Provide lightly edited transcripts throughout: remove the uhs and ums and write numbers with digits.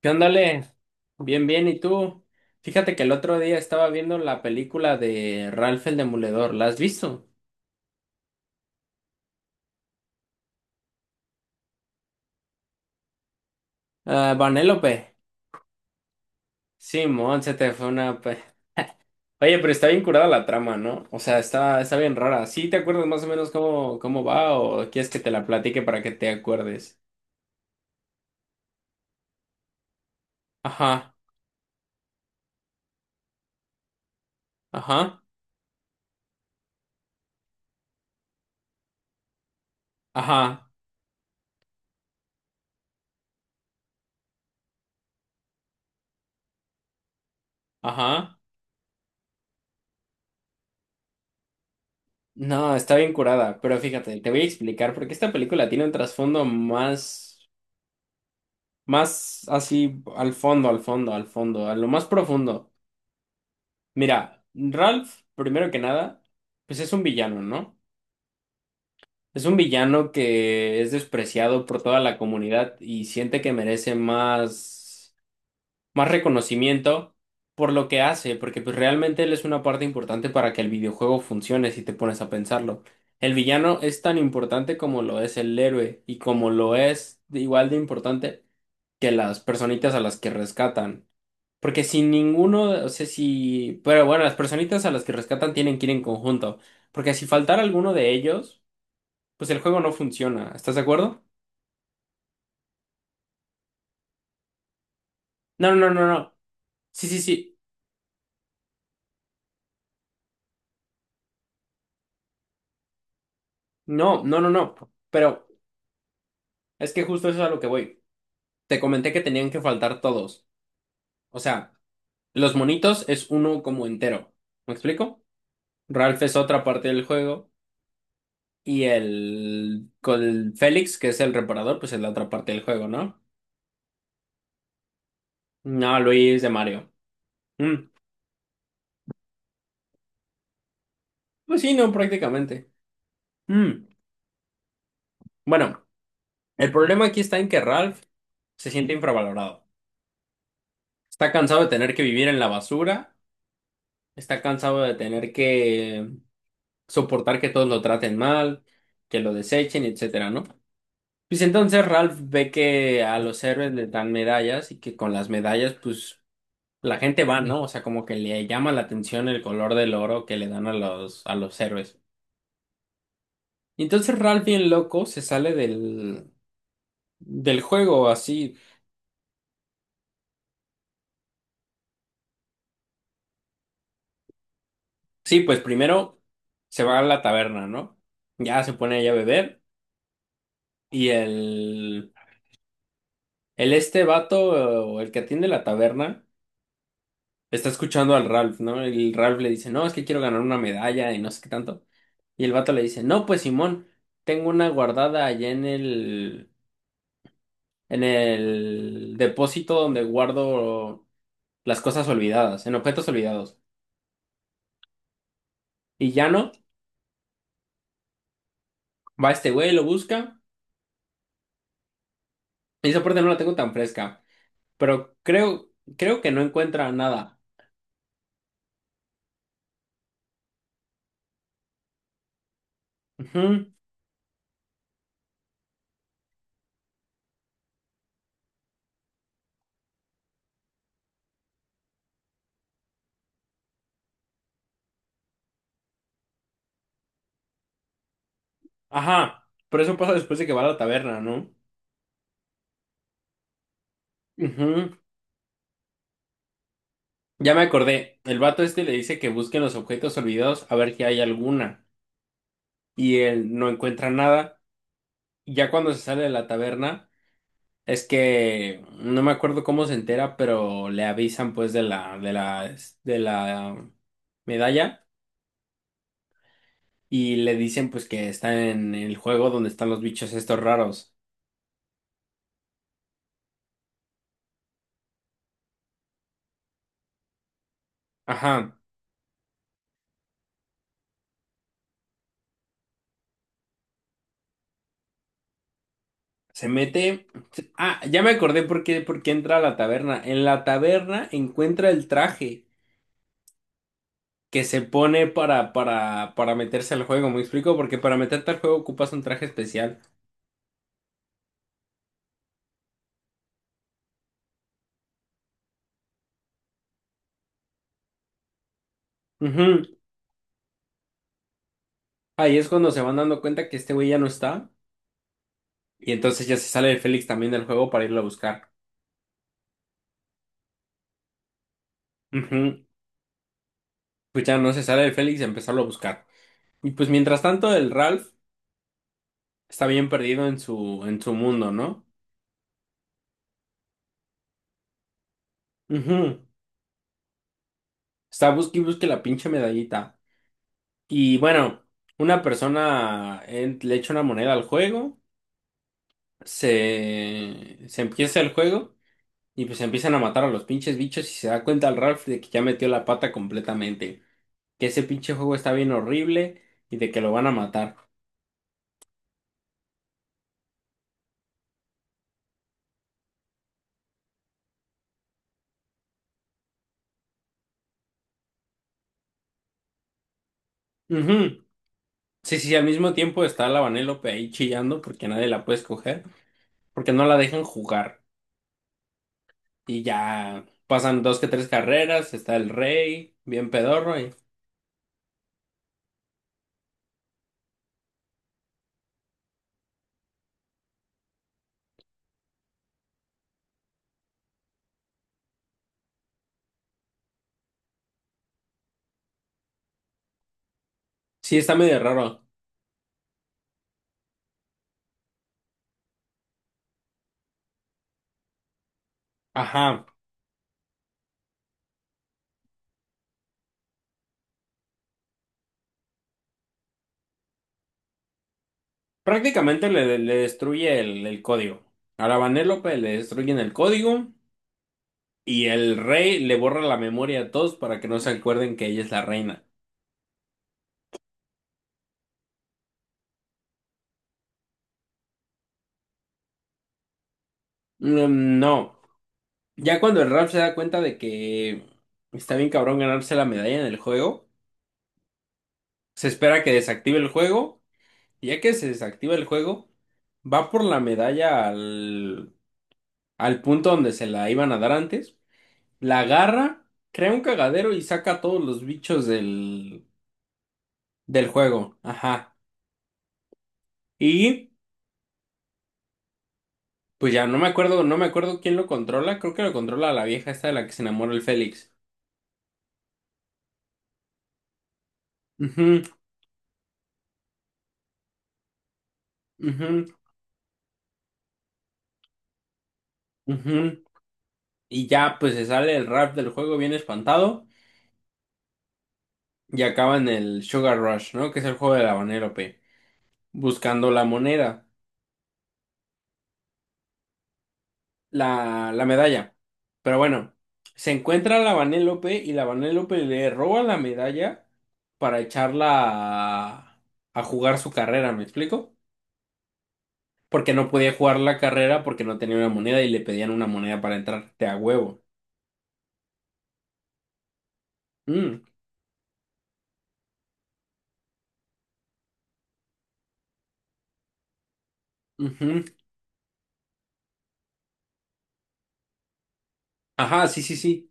¿Qué ándale? Bien, bien, ¿y tú? Fíjate que el otro día estaba viendo la película de Ralph el Demoledor, ¿la has visto? Ah, Vanélope. Simón, se te fue una... Oye, pero está bien curada la trama, ¿no? O sea, está bien rara. ¿Sí te acuerdas más o menos cómo va o quieres que te la platique para que te acuerdes? Ajá, ajá, ajá, ajá. No, está bien curada, pero fíjate, te voy a explicar porque esta película tiene un trasfondo más... Más así al fondo, al fondo, al fondo, a lo más profundo. Mira, Ralph, primero que nada, pues es un villano, ¿no? Es un villano que es despreciado por toda la comunidad y siente que merece más, más reconocimiento por lo que hace, porque pues realmente él es una parte importante para que el videojuego funcione si te pones a pensarlo. El villano es tan importante como lo es el héroe y como lo es igual de importante que las personitas a las que rescatan. Porque si ninguno, o sea, si, pero bueno, las personitas a las que rescatan tienen que ir en conjunto, porque si faltara alguno de ellos, pues el juego no funciona, ¿estás de acuerdo? No, no, no, no, no. Sí, sí, sí, no, no, no, no, pero es que justo eso es a lo que voy. Te comenté que tenían que faltar todos, o sea, los monitos es uno como entero, ¿me explico? Ralph es otra parte del juego y con el Félix, que es el reparador, pues es la otra parte del juego, ¿no? No, Luis de Mario. Mm. Pues sí, no, prácticamente. Mm. Bueno, el problema aquí está en que Ralph se siente infravalorado. Está cansado de tener que vivir en la basura, está cansado de tener que soportar que todos lo traten mal, que lo desechen, etcétera, ¿no? Pues entonces Ralph ve que a los héroes les dan medallas y que con las medallas, pues la gente va, ¿no? O sea, como que le llama la atención el color del oro que le dan a a los héroes. Y entonces Ralph, bien loco, se sale del juego así. Sí, pues primero se va a la taberna, ¿no? Ya se pone ahí a beber y el este vato, o el que atiende la taberna, está escuchando al Ralph, ¿no? El Ralph le dice, no, es que quiero ganar una medalla y no sé qué tanto. Y el vato le dice, no, pues Simón, tengo una guardada allá en en el depósito donde guardo las cosas olvidadas, en objetos olvidados. Y ya no, va este güey, lo busca y esa parte no la tengo tan fresca. Pero creo, creo que no encuentra nada. Ujú. Ajá, pero eso pasa después de que va a la taberna, ¿no? Ujú. Ya me acordé, el vato este le dice que busquen los objetos olvidados a ver si hay alguna, y él no encuentra nada. Y ya cuando se sale de la taberna, es que no me acuerdo cómo se entera, pero le avisan pues de de la medalla y le dicen pues que está en el juego donde están los bichos estos raros. Ajá. Se mete. Ah, ya me acordé por qué entra a la taberna. En la taberna encuentra el traje que se pone para meterse al juego. ¿Me explico? Porque para meterte al juego ocupas un traje especial. Ujú. Ahí es cuando se van dando cuenta que este güey ya no está. Y entonces ya se sale el Félix también del juego para irlo a buscar. Ujú. Pues ya no se sale el Félix y empezarlo a buscar. Y pues mientras tanto, el Ralph está bien perdido en en su mundo, ¿no? Ujú. Está busque y busque la pinche medallita. Y bueno, una persona le echa una moneda al juego, se empieza el juego y pues empiezan a matar a los pinches bichos y se da cuenta al Ralph de que ya metió la pata completamente, que ese pinche juego está bien horrible y de que lo van a matar. Ujú. Sí, sí, al mismo tiempo está la Vanellope ahí chillando porque nadie la puede escoger, porque no la dejan jugar. Y ya pasan dos que tres carreras, está el rey, bien pedorro y sí, está medio raro. Ajá. Prácticamente le destruye el código. A la Vanellope le destruyen el código y el rey le borra la memoria a todos para que no se acuerden que ella es la reina. Mm, no, ya cuando el Ralph se da cuenta de que está bien cabrón ganarse la medalla en el juego, se espera que desactive el juego y ya que se desactiva el juego, va por la medalla al punto donde se la iban a dar antes, la agarra, crea un cagadero y saca a todos los bichos del. Del juego, ajá. Y pues ya no me acuerdo, no me acuerdo quién lo controla, creo que lo controla la vieja esta de la que se enamora el Félix. Ujú, ujú, ujú. Y ya pues se sale el rap del juego bien espantado y acaba en el Sugar Rush, ¿no? Que es el juego del habanero, pe. Buscando la moneda, la medalla. Pero bueno, se encuentra la Vanellope y la Vanellope le roba la medalla para echarla a, a jugar su carrera, ¿me explico? Porque no podía jugar la carrera porque no tenía una moneda y le pedían una moneda para entrar. Te a huevo. Mm, ujú. Ajá, sí, sí, sí.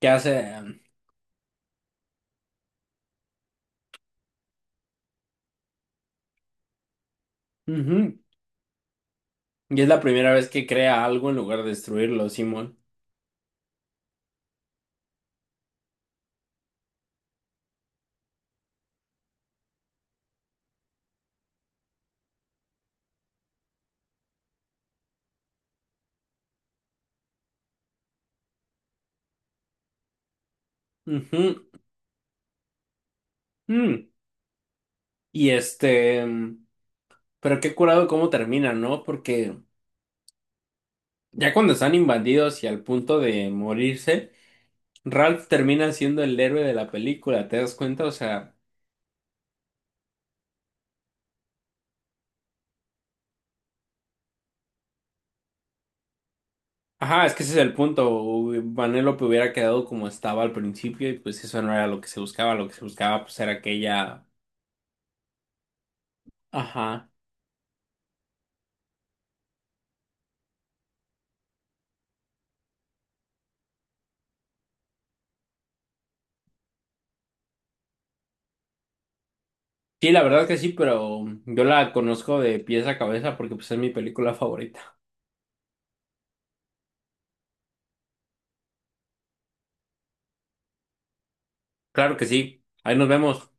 ¿Qué hace? Ujú. Y es la primera vez que crea algo en lugar de destruirlo, Simón. Ujú. Mm. Y este, mm, pero qué curado cómo termina, ¿no? Porque ya cuando están invadidos y al punto de morirse, Ralph termina siendo el héroe de la película, ¿te das cuenta? O sea, ajá, es que ese es el punto. Vanellope hubiera quedado como estaba al principio y pues eso no era lo que se buscaba. Lo que se buscaba pues era aquella... Ajá. Sí, la verdad que sí, pero yo la conozco de pies a cabeza porque pues es mi película favorita. Claro que sí. Ahí nos vemos.